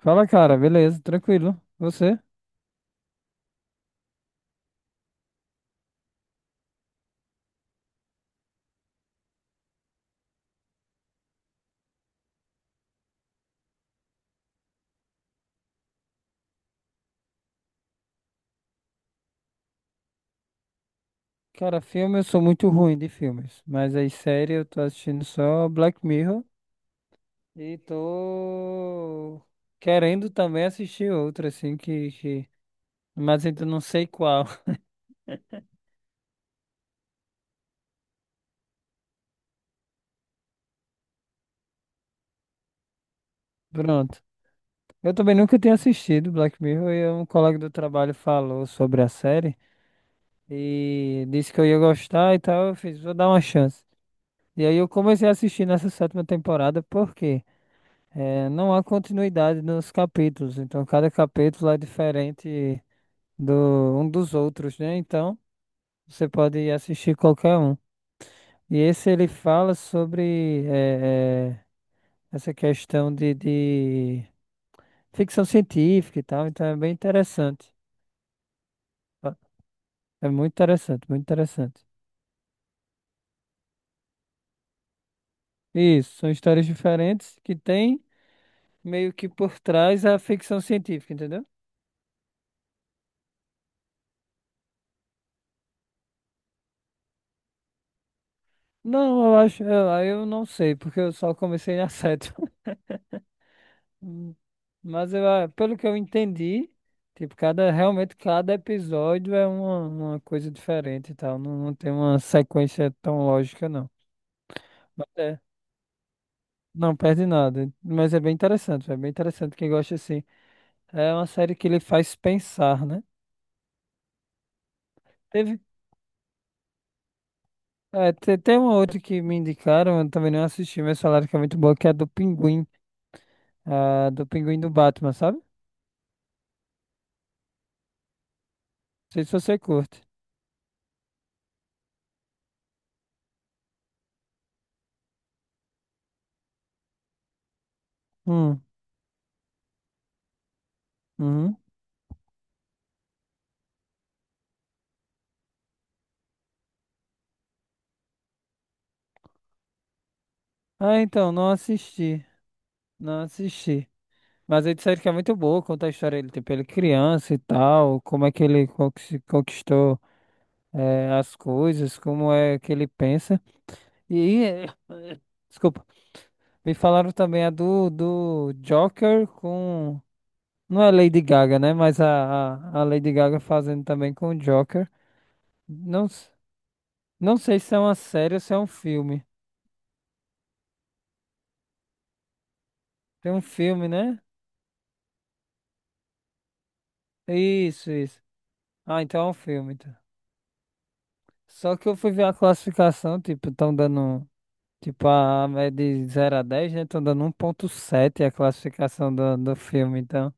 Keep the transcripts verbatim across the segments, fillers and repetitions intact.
Fala, cara, beleza, tranquilo. Você? Cara, filme, eu sou muito ruim de filmes, mas aí série eu tô assistindo só Black Mirror e tô querendo também assistir outra, assim, que, que... mas ainda não sei qual. Pronto. Eu também nunca tinha assistido Black Mirror e um colega do trabalho falou sobre a série e disse que eu ia gostar e tal. Eu fiz, vou dar uma chance. E aí eu comecei a assistir nessa sétima temporada, por quê? É, não há continuidade nos capítulos, então cada capítulo é diferente do um dos outros, né? Então você pode assistir qualquer um. E esse ele fala sobre é, é, essa questão de, de ficção científica e tal, então é bem interessante. Tá? É muito interessante, muito interessante. Isso, são histórias diferentes que tem meio que por trás a ficção científica, entendeu? Não, eu acho, eu, eu não sei, porque eu só comecei na sétima. Hum. Mas eu, ah, pelo que eu entendi, tipo, cada, realmente cada episódio é uma, uma coisa diferente e tal. Não, não tem uma sequência tão lógica, não. Mas é, não perde nada. Mas é bem interessante, é bem interessante quem gosta assim. É uma série que ele faz pensar, né? Teve. É, te- tem uma outra que me indicaram, eu também não assisti, mas falaram que é muito boa, que é a do Pinguim. A do Pinguim do Batman, sabe? Não sei se você curte. Hum, uhum. Ah, então, não assisti. Não assisti. Mas aí disseram que é muito boa, conta a história dele, tipo, ele é criança e tal, como é que ele conquis- conquistou eh, as coisas, como é que ele pensa. E, eh, desculpa, me falaram também a do, do Joker com, não é Lady Gaga, né, mas a, a, a Lady Gaga fazendo também com o Joker. Não, s- não sei se é uma série ou se é um filme. Tem um filme, né? Isso, isso. Ah, então é um filme, então. Só que eu fui ver a classificação, tipo, estão dando. Tipo, a é de zero a dez, né? Tô dando um ponto sete a classificação do, do filme, então.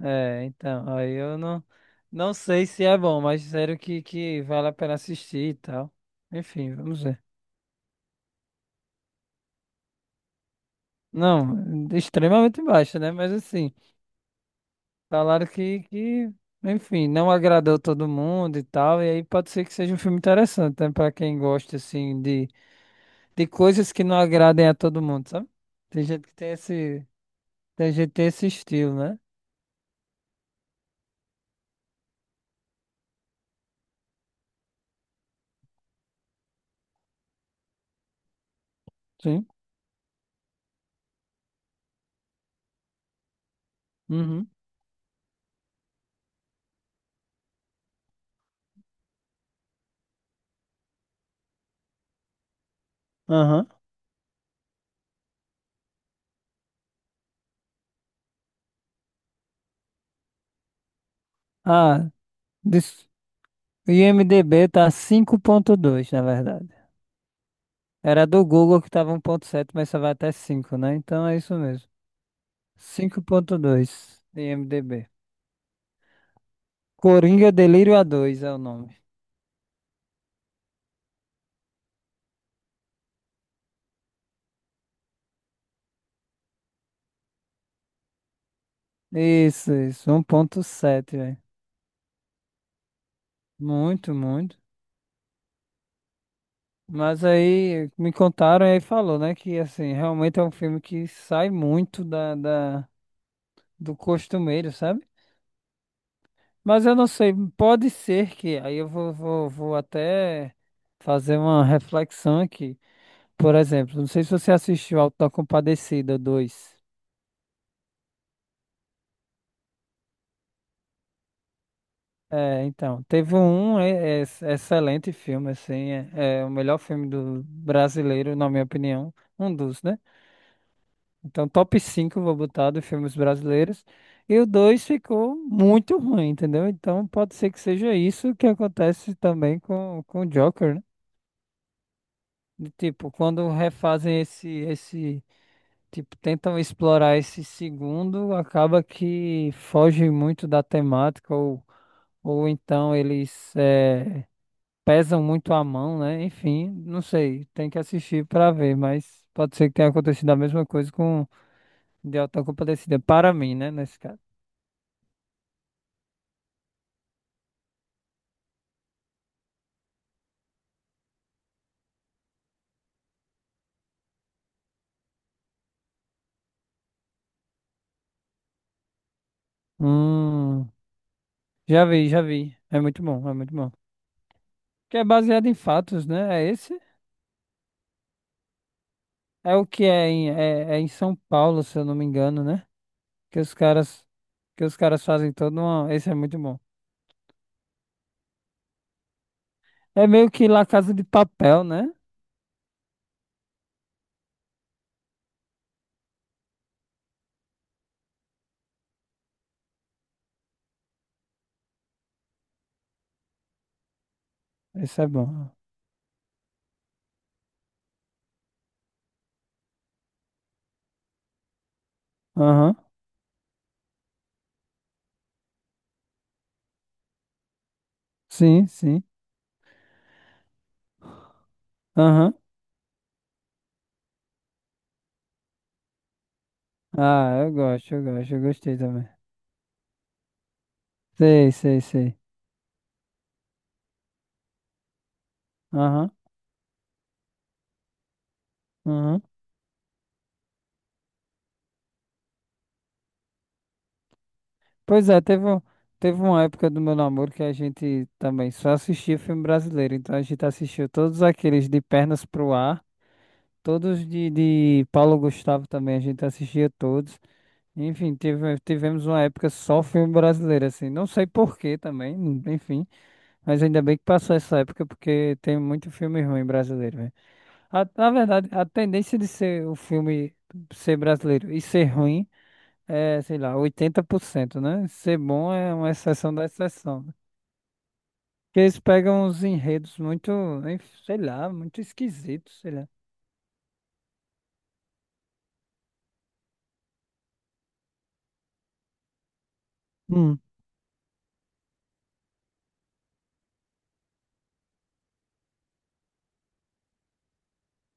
É, então, aí eu não, não sei se é bom, mas sério que, que vale a pena assistir e tal. Enfim, vamos ver. Não, extremamente baixo, né? Mas assim, falaram que, que, enfim, não agradou todo mundo e tal, e aí pode ser que seja um filme interessante, né? Pra quem gosta, assim, de, de coisas que não agradem a todo mundo, sabe? Tem gente que tem esse, tem gente que tem esse estilo, né? Sim. Uhum. Aham. Ah, dis- o I M D B tá cinco ponto dois na verdade. Era do Google que tava um ponto sete, mas só vai até cinco, né? Então é isso mesmo. Cinco ponto dois de I M D B. Coringa Delírio a dois é o nome. Isso, isso. Um 1.7, velho. Muito, muito. Mas aí me contaram e aí falou, né? Que assim, realmente é um filme que sai muito da, da, do costumeiro, sabe? Mas eu não sei, pode ser que, aí eu vou, vou, vou até fazer uma reflexão aqui. Por exemplo, não sei se você assistiu Auto da Compadecida dois. É, então, teve um é, é, excelente filme, assim, é, é o melhor filme do brasileiro, na minha opinião, um dos, né? Então, top cinco vou botar de filmes brasileiros, e o dois ficou muito ruim, entendeu? Então, pode ser que seja isso que acontece também com, com o Joker, né? De, tipo, quando refazem esse, esse, tipo, tentam explorar esse segundo, acaba que foge muito da temática, ou, ou então eles eh, pesam muito a mão, né? Enfim, não sei, tem que assistir pra ver, mas pode ser que tenha acontecido a mesma coisa com De Alta Compadecida, para mim, né, nesse caso. Hum, já vi, já vi. É muito bom, é muito bom. Que é baseado em fatos, né? É esse? É o que é em, é é em São Paulo, se eu não me engano, né? Que os caras, que os caras fazem todo uma. Esse é muito bom. É meio que La Casa de Papel, né? Esse é bom. Aham. Sim, sim. Aham. Ah, eu gosto, eu gosto, eu gostei também. Sei, sei, sei. Aham. Aham. Pois é, teve, um- teve uma época do meu namoro que a gente também só assistia filme brasileiro. Então a gente assistiu todos aqueles de Pernas pro Ar, todos de, de Paulo Gustavo também, a gente assistia todos. Enfim, tive, tivemos uma época só filme brasileiro, assim. Não sei por quê também, hum, enfim. Mas ainda bem que passou essa época, porque tem muito filme ruim brasileiro, velho. A- Na verdade, a tendência de ser o filme ser brasileiro e ser ruim. É, sei lá, oitenta por cento, né? Ser bom é uma exceção da exceção, né? Porque eles pegam uns enredos muito, hein, sei lá, muito esquisitos, sei lá. Hum.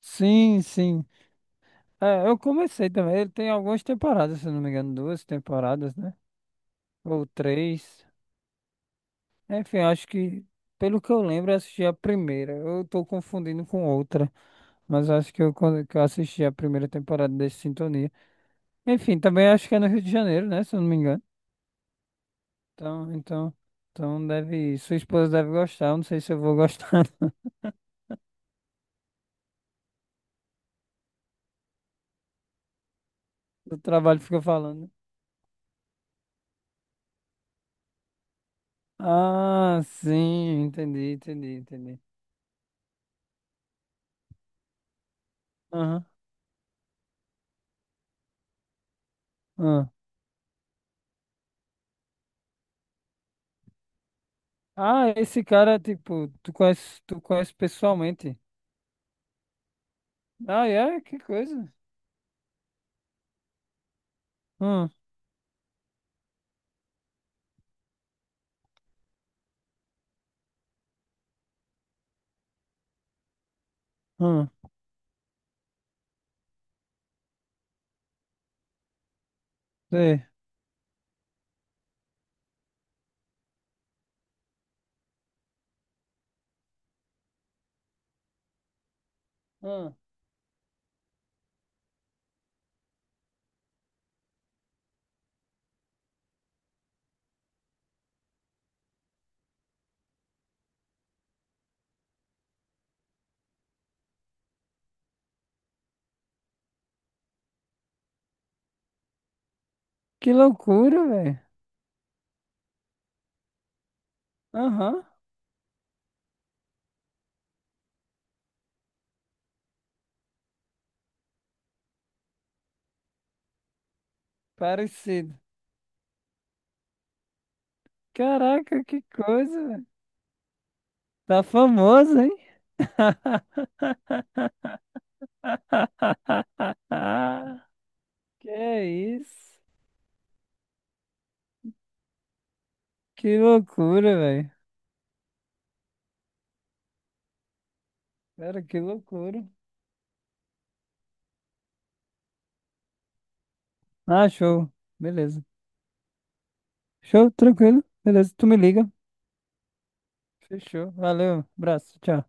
Sim, sim. É, eu comecei também. Ele tem algumas temporadas, se eu não me engano, duas temporadas, né? Ou três. Enfim, acho que, pelo que eu lembro, eu assisti a primeira. Eu tô confundindo com outra, mas acho que eu, quando- que eu assisti a primeira temporada desse Sintonia. Enfim, também acho que é no Rio de Janeiro, né? Se eu não me engano. Então, então, então deve, sua esposa deve gostar. Eu não sei se eu vou gostar. Do trabalho que fica falando. Ah, sim, entendi, entendi, entendi. Aham, aham. Ah, esse cara, tipo, tu conhece, tu conhece pessoalmente. Ah, é? Que coisa. Hum, hum, sei. Hum. Que loucura, velho. Aham, parecido. Caraca, que coisa, velho. Tá famoso, hein? Que isso? Que loucura, velho. Cara, que loucura. Ah, show. Beleza. Show, tranquilo. Beleza, tu me liga. Fechou. Valeu. Abraço. Tchau.